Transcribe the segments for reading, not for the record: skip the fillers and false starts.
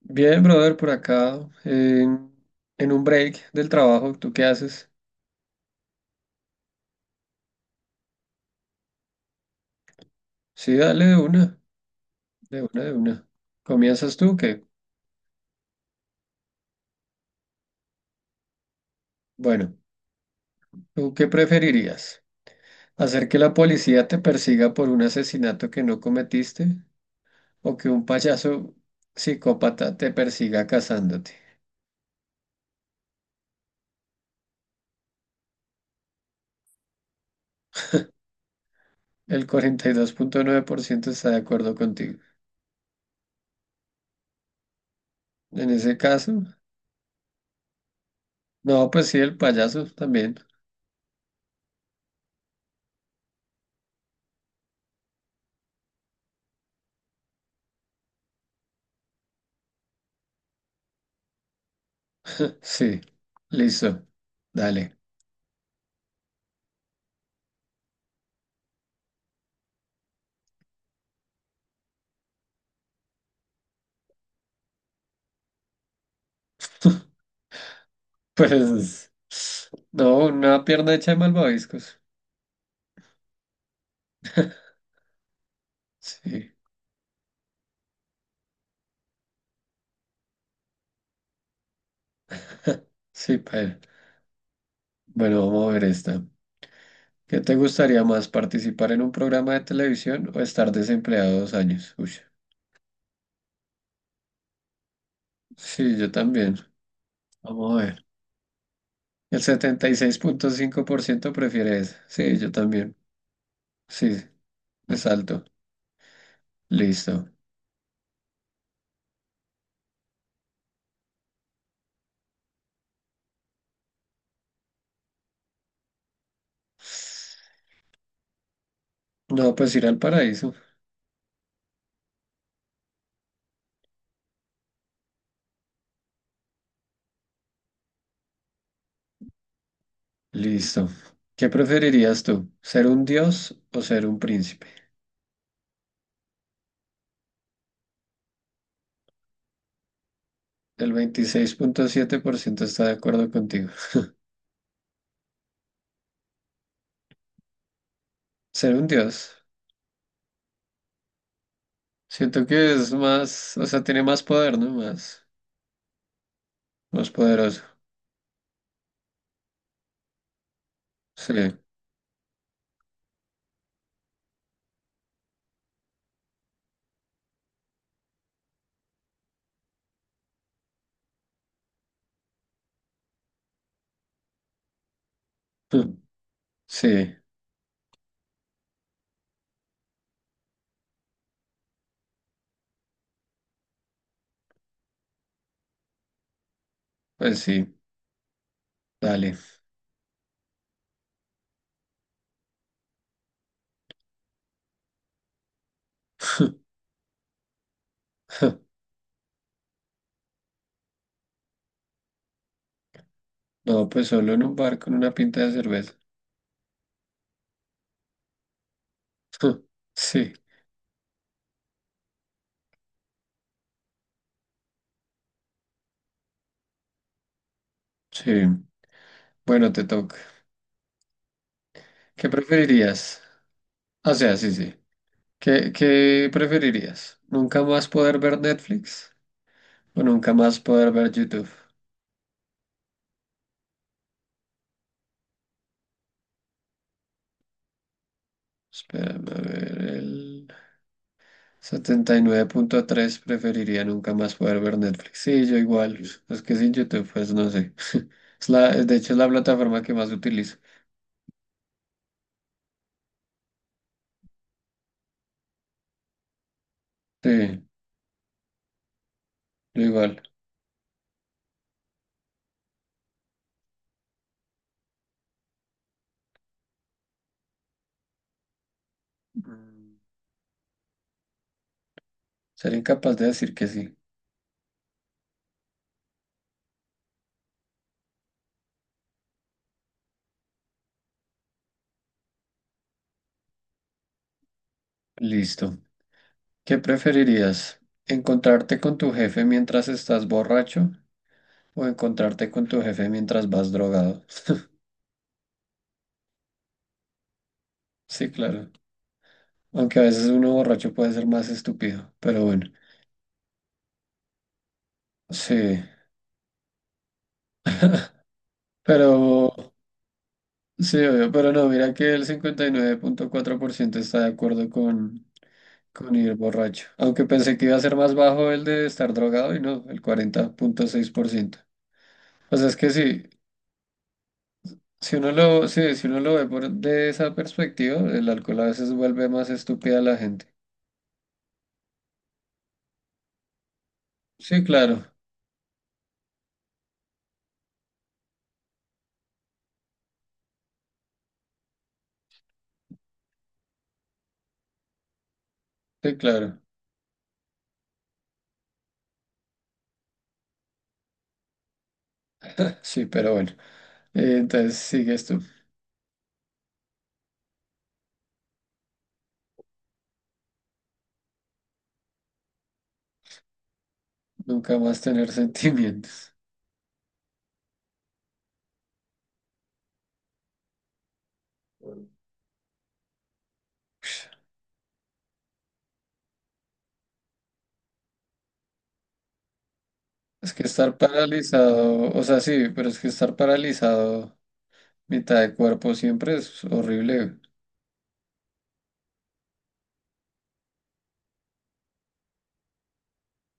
Bien, brother, por acá, en un break del trabajo, ¿tú qué haces? Sí, dale de una, de una, de una. ¿Comienzas tú? ¿Qué? Bueno, ¿tú qué preferirías? ¿Hacer que la policía te persiga por un asesinato que no cometiste o que un payaso psicópata te persiga cazándote? El 42.9% está de acuerdo contigo. En ese caso, no, pues sí, el payaso también. Sí, listo. Dale. Pues no, una pierna hecha de malvaviscos. Sí, sí, paila. Bueno, vamos a ver esta. ¿Qué te gustaría más, participar en un programa de televisión o estar desempleado 2 años? Uy, sí, yo también. Vamos a ver. El 76.5% prefiere eso. Sí, yo también. Sí, es alto. Listo. No, pues ir al paraíso. Listo. ¿Qué preferirías tú? ¿Ser un dios o ser un príncipe? El 26.7% está de acuerdo contigo. Ser un dios. Siento que es más, o sea, tiene más poder, ¿no? Más, más poderoso. Sí. Mm. Sí, pues sí, dale. No, pues solo en un bar con una pinta de cerveza. Sí, sí. Bueno, te toca. ¿Qué preferirías? O sea, sí, sí. ¿Qué preferirías? ¿Nunca más poder ver Netflix o nunca más poder ver YouTube? Espérame a ver el 79.3 preferiría nunca más poder ver Netflix. Sí, yo igual. Es que sin YouTube, pues no sé. Es la, de hecho, es la plataforma que más utilizo. Sí, yo igual. Mm, ser incapaz de decir que sí. Listo. ¿Qué preferirías? ¿Encontrarte con tu jefe mientras estás borracho o encontrarte con tu jefe mientras vas drogado? Sí, claro. Aunque a veces uno borracho puede ser más estúpido, pero bueno. Sí, pero sí, obvio, pero no, mira que el 59.4% está de acuerdo con, ir borracho. Aunque pensé que iba a ser más bajo el de estar drogado y no, el 40.6%. O sea, es que sí, si uno lo, sí, si uno lo ve por, de esa perspectiva, el alcohol a veces vuelve más estúpida a la gente. Sí, claro, sí, claro. Sí, pero bueno. Entonces sigue esto, nunca más tener sentimientos. Es que estar paralizado, o sea, sí, pero es que estar paralizado. Mitad de cuerpo siempre es horrible.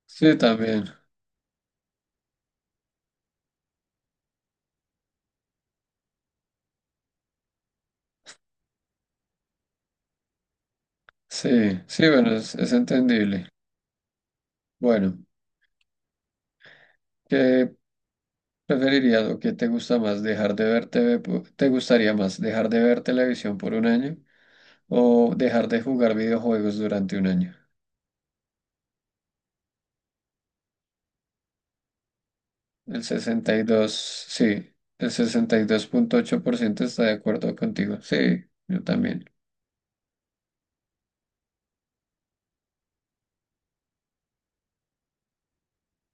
Sí, también. Sí, sí, bueno, es entendible. Bueno, ¿qué preferirías o qué te gusta más? ¿Dejar de ver TV? ¿Te gustaría más dejar de ver televisión por un año o dejar de jugar videojuegos durante un año? El sesenta y dos sí, el 62.8% está de acuerdo contigo. Sí, yo también.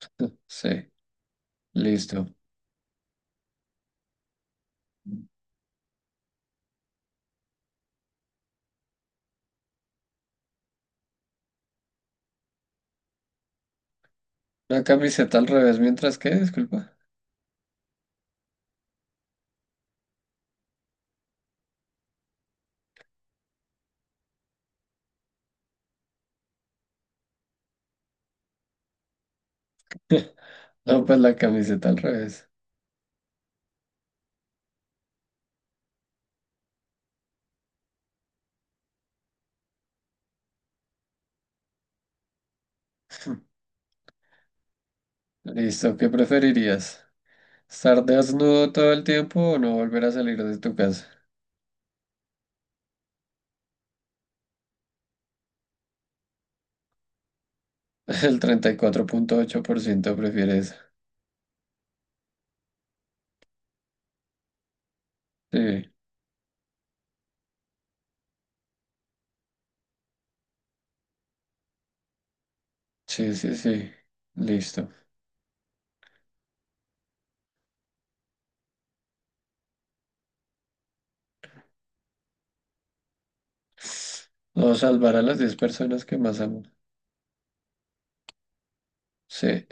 Sí, listo. La camiseta al revés, mientras que, disculpa. No, pues la camiseta al revés. Listo, ¿qué preferirías? ¿Estar desnudo todo el tiempo o no volver a salir de tu casa? El 34.8% prefiere eso. Sí, sí, sí, sí. Listo. No, salvar a las 10 personas que más amo. Sí,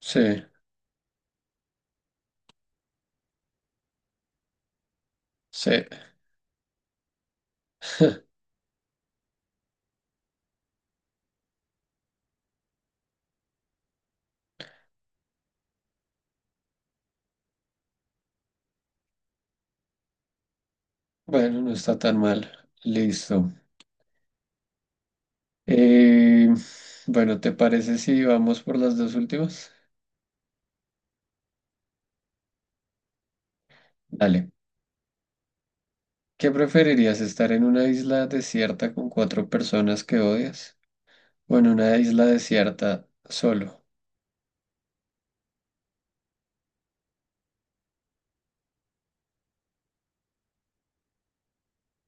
sí, sí. Bueno, no está tan mal. Listo. Eh, bueno, ¿te parece si vamos por las dos últimas? Dale. ¿Qué preferirías, estar en una isla desierta con cuatro personas que odias? Bueno, una isla desierta solo.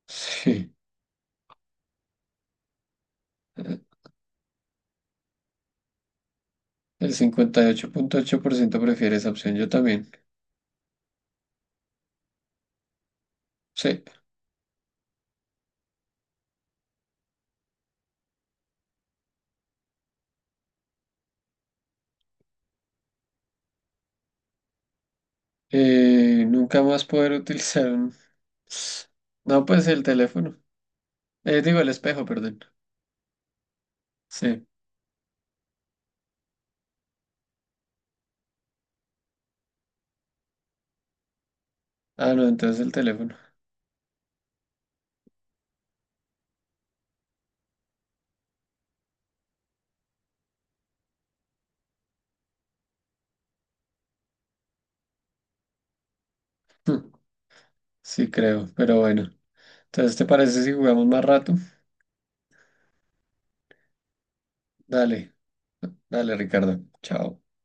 Sí. El cincuenta y ocho punto ocho por ciento prefiere esa opción. Yo también. Sí. Nunca más poder utilizar un. No, pues el teléfono. Digo, el espejo, perdón. Sí. Ah, no, entonces el teléfono. Hmm, sí, creo, pero bueno. Entonces, ¿te parece si jugamos más rato? Dale, dale, Ricardo. Chao.